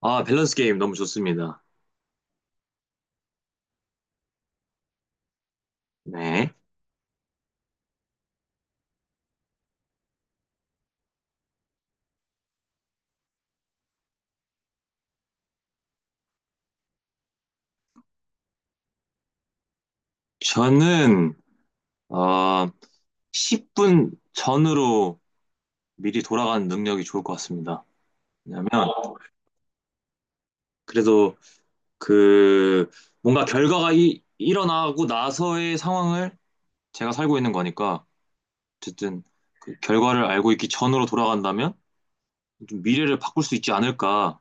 아, 밸런스 게임 너무 좋습니다. 네. 저는, 어, 10분 전으로 미리 돌아가는 능력이 좋을 것 같습니다. 왜냐면, 그래도 그, 뭔가 결과가 일어나고 나서의 상황을 제가 살고 있는 거니까, 어쨌든 그 결과를 알고 있기 전으로 돌아간다면, 좀 미래를 바꿀 수 있지 않을까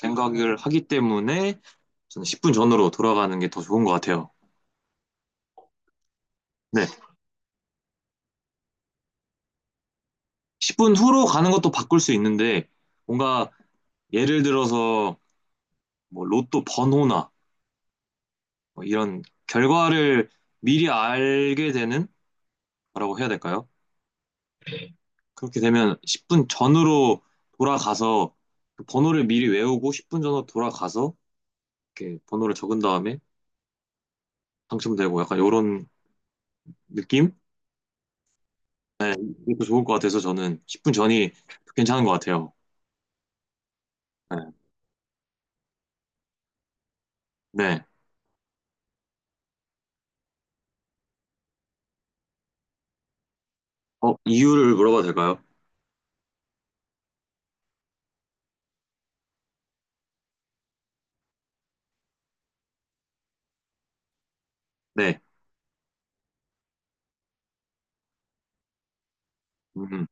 생각을 하기 때문에, 저는 10분 전으로 돌아가는 게 더 좋은 것 같아요. 네. 10분 후로 가는 것도 바꿀 수 있는데, 뭔가 예를 들어서 뭐 로또 번호나 뭐 이런 결과를 미리 알게 되는 거라고 해야 될까요? 그렇게 되면 10분 전으로 돌아가서 그 번호를 미리 외우고 10분 전으로 돌아가서 이렇게 번호를 적은 다음에 당첨되고 약간 이런 느낌? 이것도 좋을 것 같아서 저는 10분 전이 괜찮은 것 같아요. 네. 네. 어, 이유를 물어봐도 될까요? 네. 음,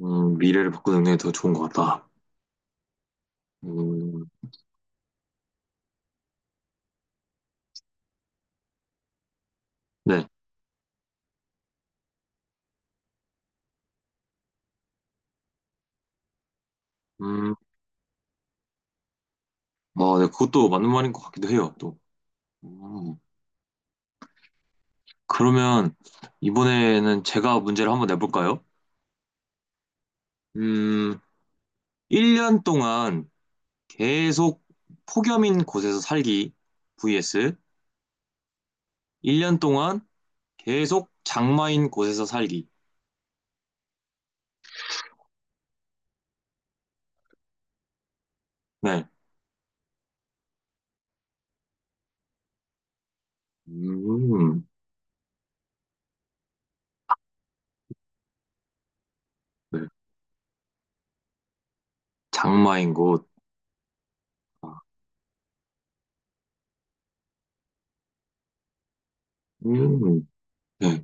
미래를 바꾸는 게 더 좋은 것 같다. 음, 네. 음, 어, 네, 그것도 맞는 말인 것 같기도 해요, 또. 음, 그러면 이번에는 제가 문제를 한번 내볼까요? 음, 1년 동안 계속 폭염인 곳에서 살기 vs 1년 동안 계속 장마인 곳에서 살기. 네. 음, 네. 장마인 곳. 아, 음, 네.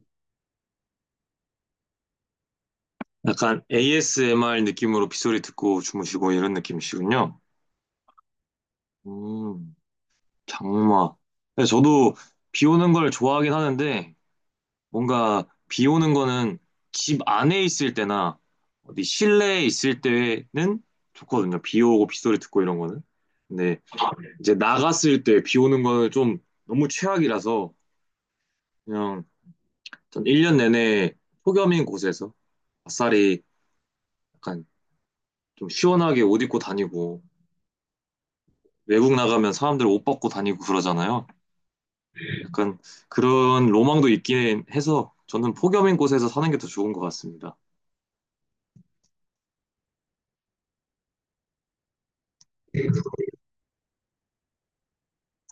약간 ASMR 느낌으로 빗소리 듣고 주무시고 이런 느낌이시군요. 음. 장마. 근데 저도 비 오는 걸 좋아하긴 하는데, 뭔가 비 오는 거는 집 안에 있을 때나 어디 실내에 있을 때는 좋거든요. 비 오고 빗소리 듣고 이런 거는. 근데 이제 나갔을 때 비 오는 거는 좀 너무 최악이라서 그냥 전 1년 내내 폭염인 곳에서 아싸리 약간 좀 시원하게 옷 입고 다니고 외국 나가면 사람들 옷 벗고 다니고 그러잖아요. 약간 그런 로망도 있긴 해서 저는 폭염인 곳에서 사는 게 더 좋은 것 같습니다.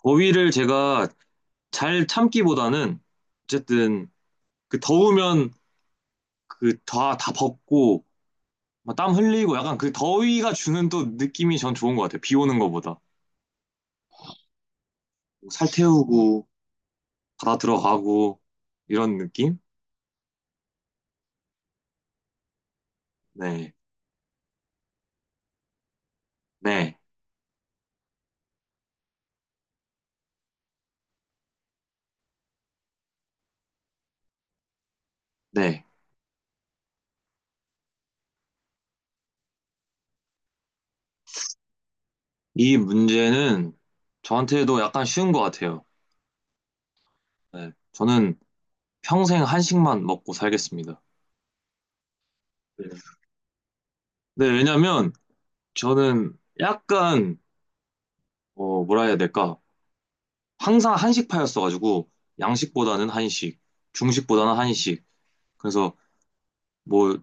더위를 제가 잘 참기보다는 어쨌든 그 더우면 그 다 벗고 막땀 흘리고 약간 그 더위가 주는 또 느낌이 전 좋은 것 같아요. 비 오는 것보다. 뭐 살 태우고 바다 들어가고 이런 느낌? 네. 네. 네. 이 문제는 저한테도 약간 쉬운 것 같아요. 네. 저는 평생 한식만 먹고 살겠습니다. 네. 네, 왜냐면 저는 약간 어, 뭐라 해야 될까? 항상 한식파였어가지고 양식보다는 한식, 중식보다는 한식. 그래서 뭐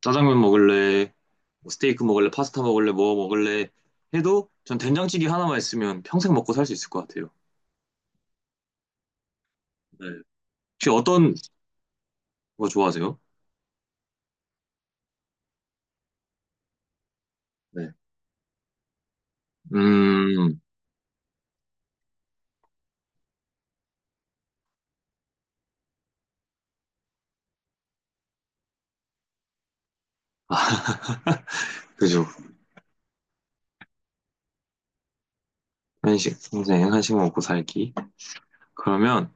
짜장면 먹을래, 뭐 스테이크 먹을래, 파스타 먹을래, 뭐 먹을래 해도 전 된장찌개 하나만 있으면 평생 먹고 살 수 있을 것 같아요. 네. 혹시 어떤 거 좋아하세요? 네. 음, 아, 그죠. 한식, 평생 한식 먹고 살기. 그러면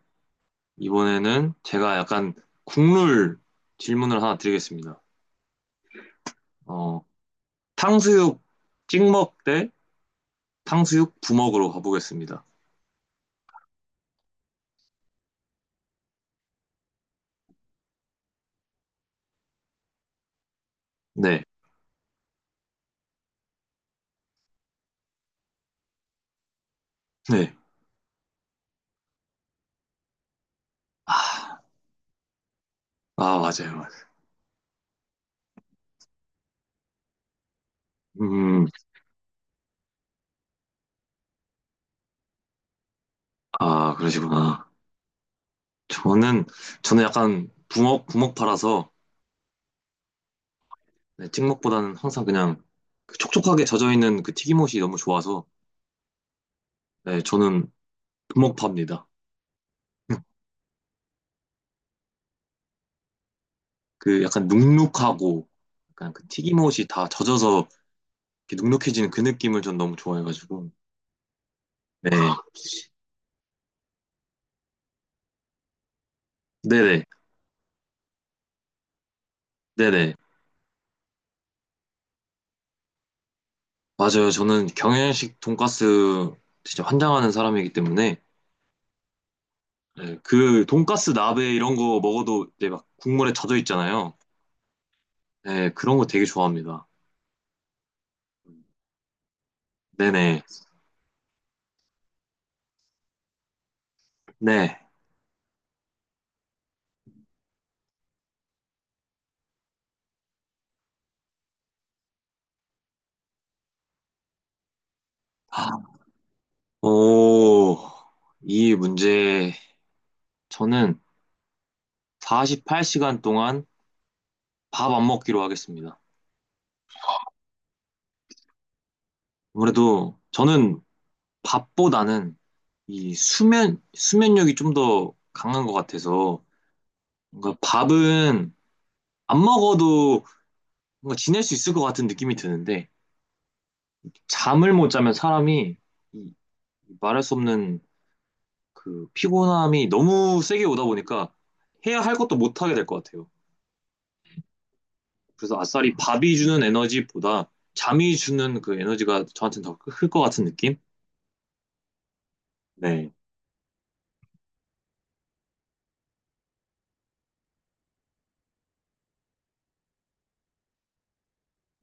이번에는 제가 약간 국룰 질문을 하나 드리겠습니다. 어, 탕수육 찍먹 대 탕수육 부먹으로 가보겠습니다. 네, 네. 아, 아, 맞아요, 맞아요. 음, 아, 그러시구나. 저는, 저는 약간 부먹 팔아서, 네, 찍먹보다는 항상 그냥 그 촉촉하게 젖어있는 그 튀김옷이 너무 좋아서, 네, 저는 부먹 팝니다. 그 약간 눅눅하고, 약간 그 튀김옷이 다 젖어서 이렇게 눅눅해지는 그 느낌을 전 너무 좋아해가지고, 네. 네네, 네네. 맞아요. 저는 경양식 돈가스 진짜 환장하는 사람이기 때문에 네, 그 돈가스 나베 이런 거 먹어도 이제 막 국물에 젖어 있잖아요. 네, 그런 거 되게 좋아합니다. 네네. 네. 아, 오, 이 문제 저는 48시간 동안 밥 안 먹기로 하겠습니다. 아무래도 저는 밥보다는 이 수면력이 좀 더 강한 것 같아서 뭔가 밥은 안 먹어도 뭔가 지낼 수 있을 것 같은 느낌이 드는데 잠을 못 자면 사람이 이- 이 말할 수 없는 그 피곤함이 너무 세게 오다 보니까 해야 할 것도 못 하게 될 것 같아요. 그래서 아싸리 밥이 주는 에너지보다 잠이 주는 그 에너지가 저한테는 더 클 것 같은 느낌? 네.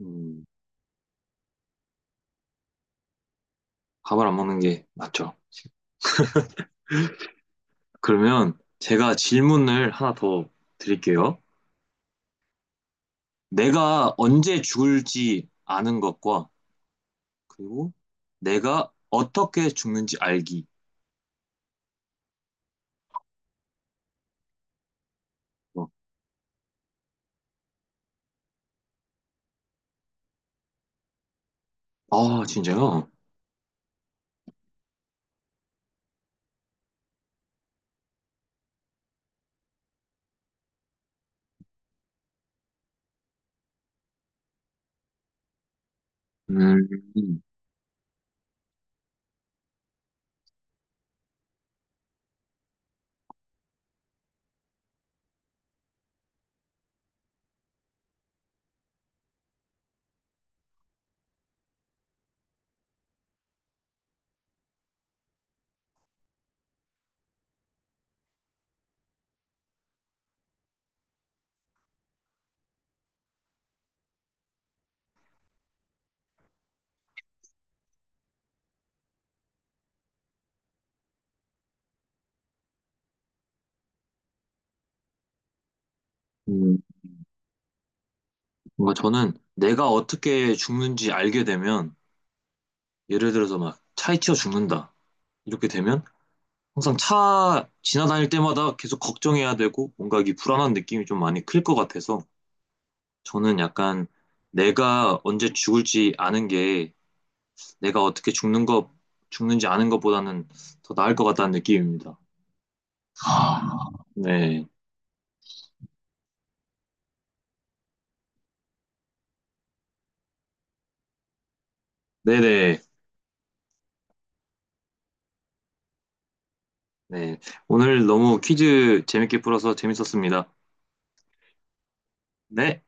음, 밥을 안 먹는 게 맞죠. 그러면 제가 질문을 하나 더 드릴게요. 내가 언제 죽을지 아는 것과 그리고 내가 어떻게 죽는지 알기. 어, 아, 진짜요? 음, 음, 뭔가 저는 내가 어떻게 죽는지 알게 되면, 예를 들어서 막 차에 치여 죽는다. 이렇게 되면 항상 차 지나다닐 때마다 계속 걱정해야 되고, 뭔가 이 불안한 느낌이 좀 많이 클 것 같아서, 저는 약간 내가 언제 죽을지 아는 게, 내가 어떻게 죽는지 아는 것보다는 더 나을 것 같다는 느낌입니다. 아, 네. 네네. 네. 오늘 너무 퀴즈 재밌게 풀어서 재밌었습니다. 네.